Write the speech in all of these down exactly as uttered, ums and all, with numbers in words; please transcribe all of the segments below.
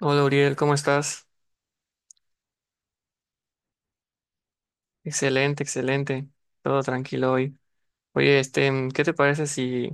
Hola Uriel, ¿cómo estás? Excelente, excelente. Todo tranquilo hoy. Oye, este, mm, ¿qué te parece si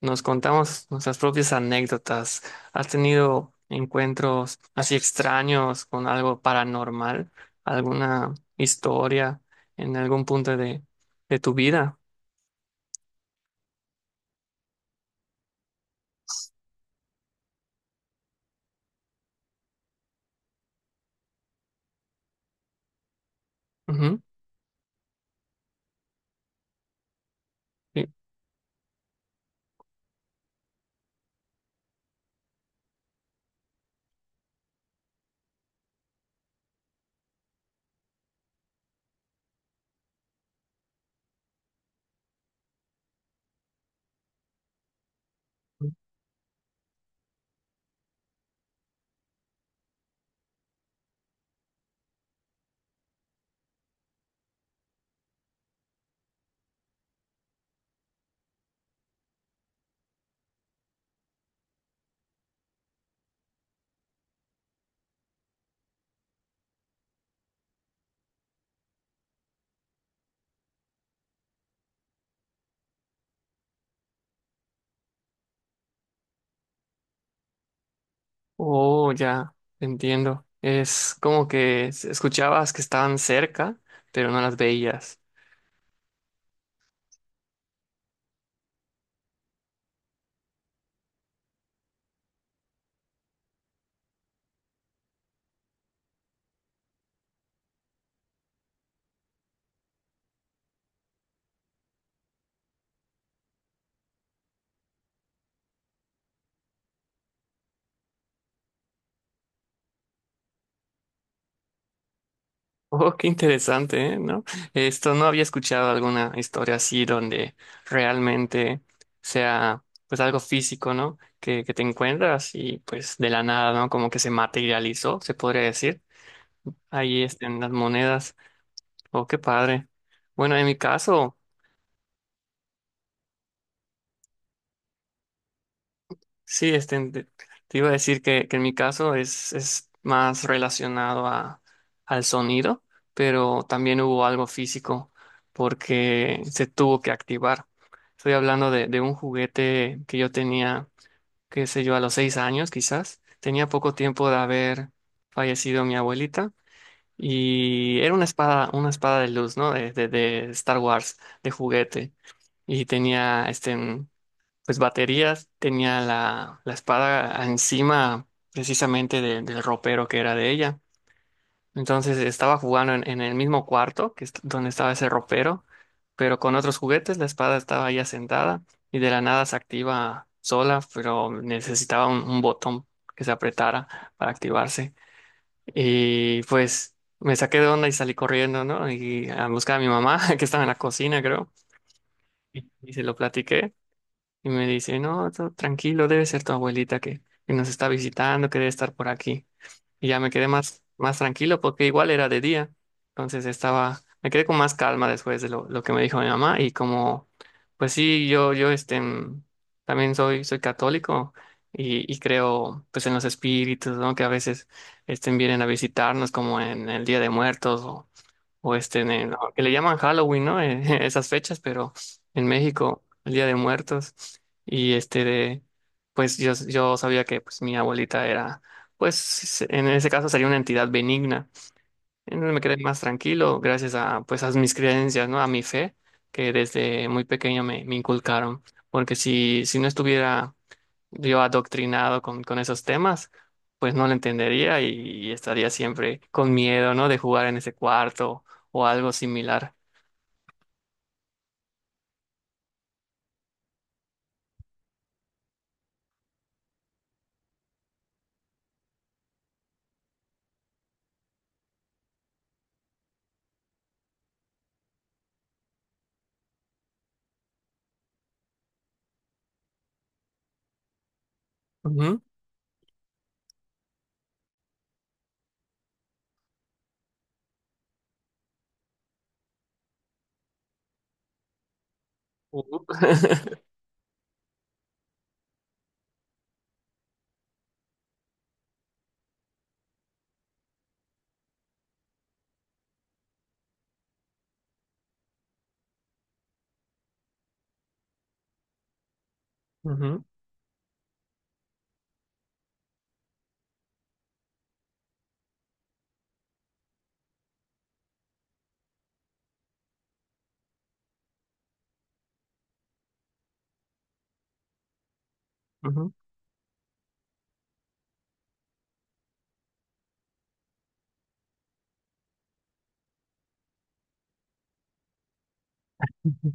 nos contamos nuestras propias anécdotas? ¿Has tenido encuentros así extraños con algo paranormal? ¿Alguna historia en algún punto de, de tu vida? Ujú. Sí. Oh, ya, entiendo. Es como que s- escuchabas que estaban cerca, pero no las veías. Oh, qué interesante, ¿eh? ¿No? Esto no había escuchado alguna historia así donde realmente sea pues algo físico, ¿no? Que, que te encuentras y pues de la nada, ¿no? Como que se materializó, se podría decir. Ahí estén las monedas. Oh, qué padre. Bueno, en mi caso. Sí, este, te te iba a decir que, que en mi caso es, es más relacionado a, al sonido, pero también hubo algo físico porque se tuvo que activar. Estoy hablando de, de un juguete que yo tenía, qué sé yo, a los seis años quizás. Tenía poco tiempo de haber fallecido mi abuelita y era una espada, una espada de luz, ¿no? de de- de Star Wars, de juguete y tenía este pues baterías, tenía la, la espada encima precisamente de- del ropero que era de ella. Entonces estaba jugando en, en el mismo cuarto que est- donde estaba ese ropero, pero con otros juguetes, la espada estaba ya sentada y de la nada se activa sola, pero necesitaba un, un botón que se apretara para activarse. Y pues me saqué de onda y salí corriendo, ¿no? Y a buscar a mi mamá, que estaba en la cocina, creo, y y se lo platiqué. Y me dice, no, todo tranquilo, debe ser tu abuelita que, que nos está visitando, que debe estar por aquí. Y ya me quedé más, más tranquilo porque igual era de día. Entonces estaba, me quedé con más calma después de lo, lo que me dijo mi mamá. Y como, pues sí, yo, yo este, mm, también soy, soy católico y, y creo pues en los espíritus, ¿no? Que a veces este, vienen a visitarnos como en el Día de Muertos o este, en el- que le llaman Halloween, ¿no? Eh, esas fechas, pero en México, el Día de Muertos. Y este de, pues yo, yo sabía que pues mi abuelita era, pues en ese caso sería una entidad benigna. Entonces me quedé más tranquilo gracias a, pues a mis creencias, ¿no? A mi fe, que desde muy pequeño me, me inculcaron. Porque si, si no estuviera yo adoctrinado con, con esos temas, pues no lo entendería y, y estaría siempre con miedo, ¿no? De jugar en ese cuarto o algo similar. Ujú. Ujú. Ujú, ujú, ujú,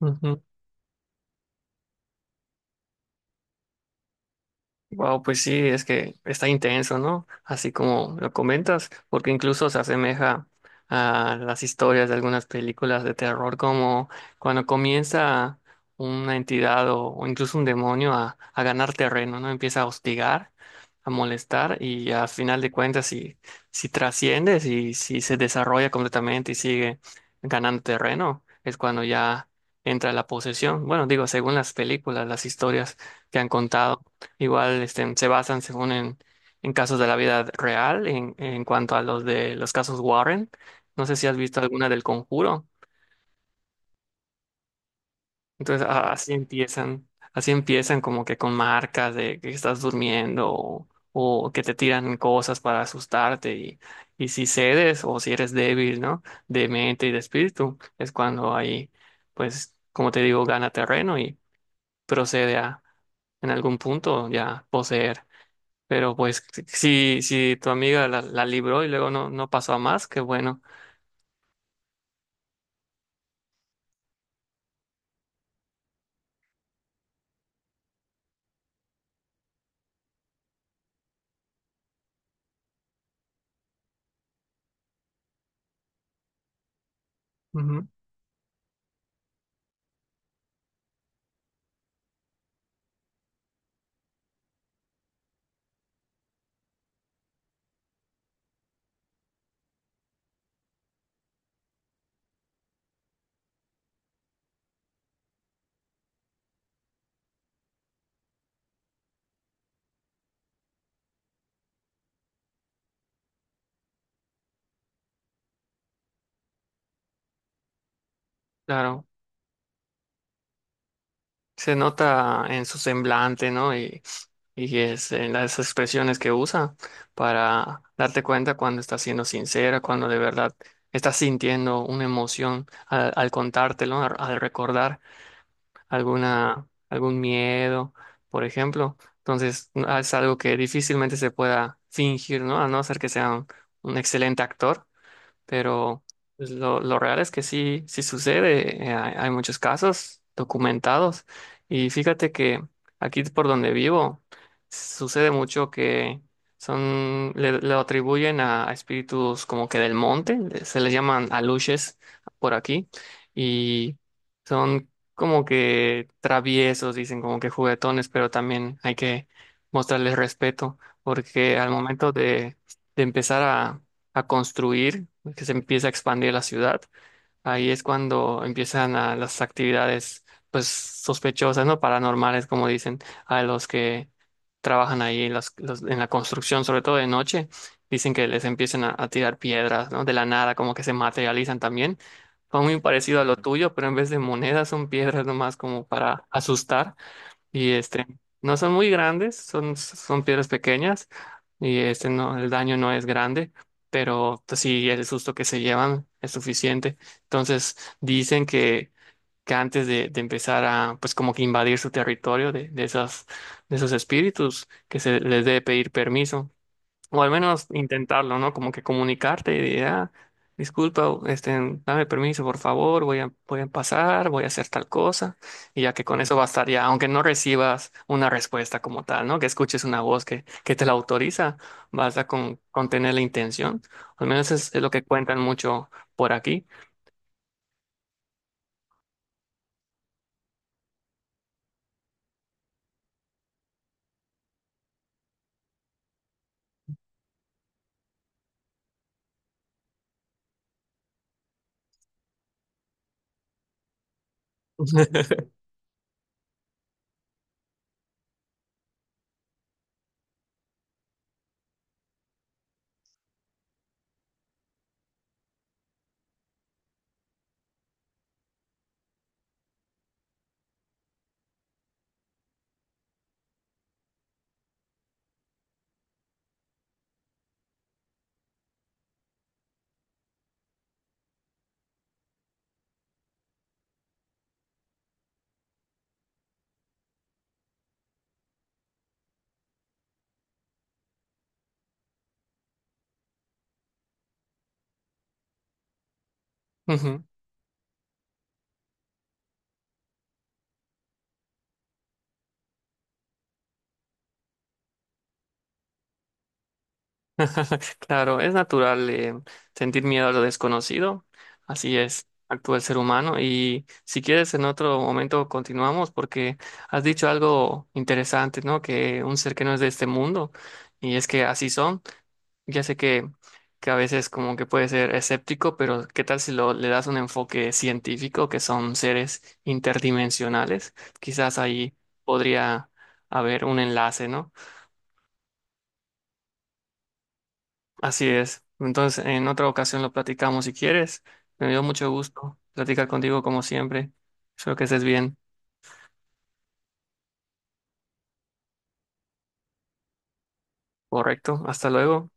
ujú. Wow, pues sí, es que está intenso, ¿no? Así como lo comentas, porque incluso se asemeja a las historias de algunas películas de terror, como cuando comienza una entidad o, o incluso un demonio a, a ganar terreno, ¿no? Empieza a hostigar, a molestar y al final de cuentas, si, si trasciende, si, si se desarrolla completamente y sigue ganando terreno, es cuando ya entra la posesión. Bueno, digo, según las películas, las historias que han contado. Igual este, se basan según en, en casos de la vida real, en, en cuanto a los de los casos Warren. No sé si has visto alguna del Conjuro. Entonces a- así empiezan, así empiezan como que con marcas de que estás durmiendo o, o que te tiran cosas para asustarte y, y si cedes o si eres débil, ¿no? De mente y de espíritu, es cuando ahí, pues, como te digo, gana terreno y procede a en algún punto ya poseer. Pero pues si, si si tu amiga la, la libró y luego no, no pasó a más, qué bueno. Ujú. Claro, se nota en su semblante, ¿no? Y, y es en las expresiones que usa para darte cuenta cuando está siendo sincera, cuando de verdad está sintiendo una emoción al, al contártelo, al, al recordar alguna, algún miedo, por ejemplo. Entonces, es algo que difícilmente se pueda fingir, ¿no? A no ser que sea un un excelente actor pero pues, lo, lo real es que sí, sí sucede. Eh, hay, hay muchos casos documentados. Y fíjate que aquí por donde vivo sucede mucho que son, le, lo atribuyen a, a espíritus como que del monte, le- se les llaman aluches por aquí, y son como que traviesos, dicen como que juguetones, pero también hay que mostrarles respeto, porque al momento de de empezar a a construir, que se empieza a expandir la ciudad. Ahí es cuando empiezan a- las actividades, pues, sospechosas, ¿no? Paranormales, como dicen, a los que trabajan ahí en, las- los- en la construcción, sobre todo de noche. Dicen que les empiezan a, a tirar piedras, ¿no? De la nada, como que se materializan también. Fue muy parecido a lo tuyo, pero en vez de monedas son piedras nomás como para asustar. Y este, no son muy grandes, son, son piedras pequeñas y este no, el daño no es grande, pero pues, sí el susto que se llevan es suficiente. Entonces dicen que, que antes de, de empezar a pues como que invadir su territorio de, de esas, de esos espíritus, que se les debe pedir permiso. O al menos intentarlo, ¿no? Como que comunicarte y decir, ah, disculpa, este, dame permiso, por favor, voy a, voy a pasar, voy a hacer tal cosa. Y ya que con eso bastaría, aunque no recibas una respuesta como tal, ¿no? Que escuches una voz que, que te la autoriza, basta con, con tener la intención. Al menos es, es lo que cuentan mucho por aquí. Ujú. Claro, es natural eh, sentir miedo a lo desconocido, así es, actúa el ser humano y si quieres en otro momento continuamos porque has dicho algo interesante, ¿no? Que un ser que no es de este mundo y es que así son, ya sé que, que a veces como que puede ser escéptico, pero ¿qué tal si lo, le das un enfoque científico que son seres interdimensionales? Quizás ahí podría haber un enlace, ¿no? Así es. Entonces, en otra ocasión lo platicamos si quieres. Me dio mucho gusto platicar contigo como siempre. Espero que estés bien. Correcto. Hasta luego.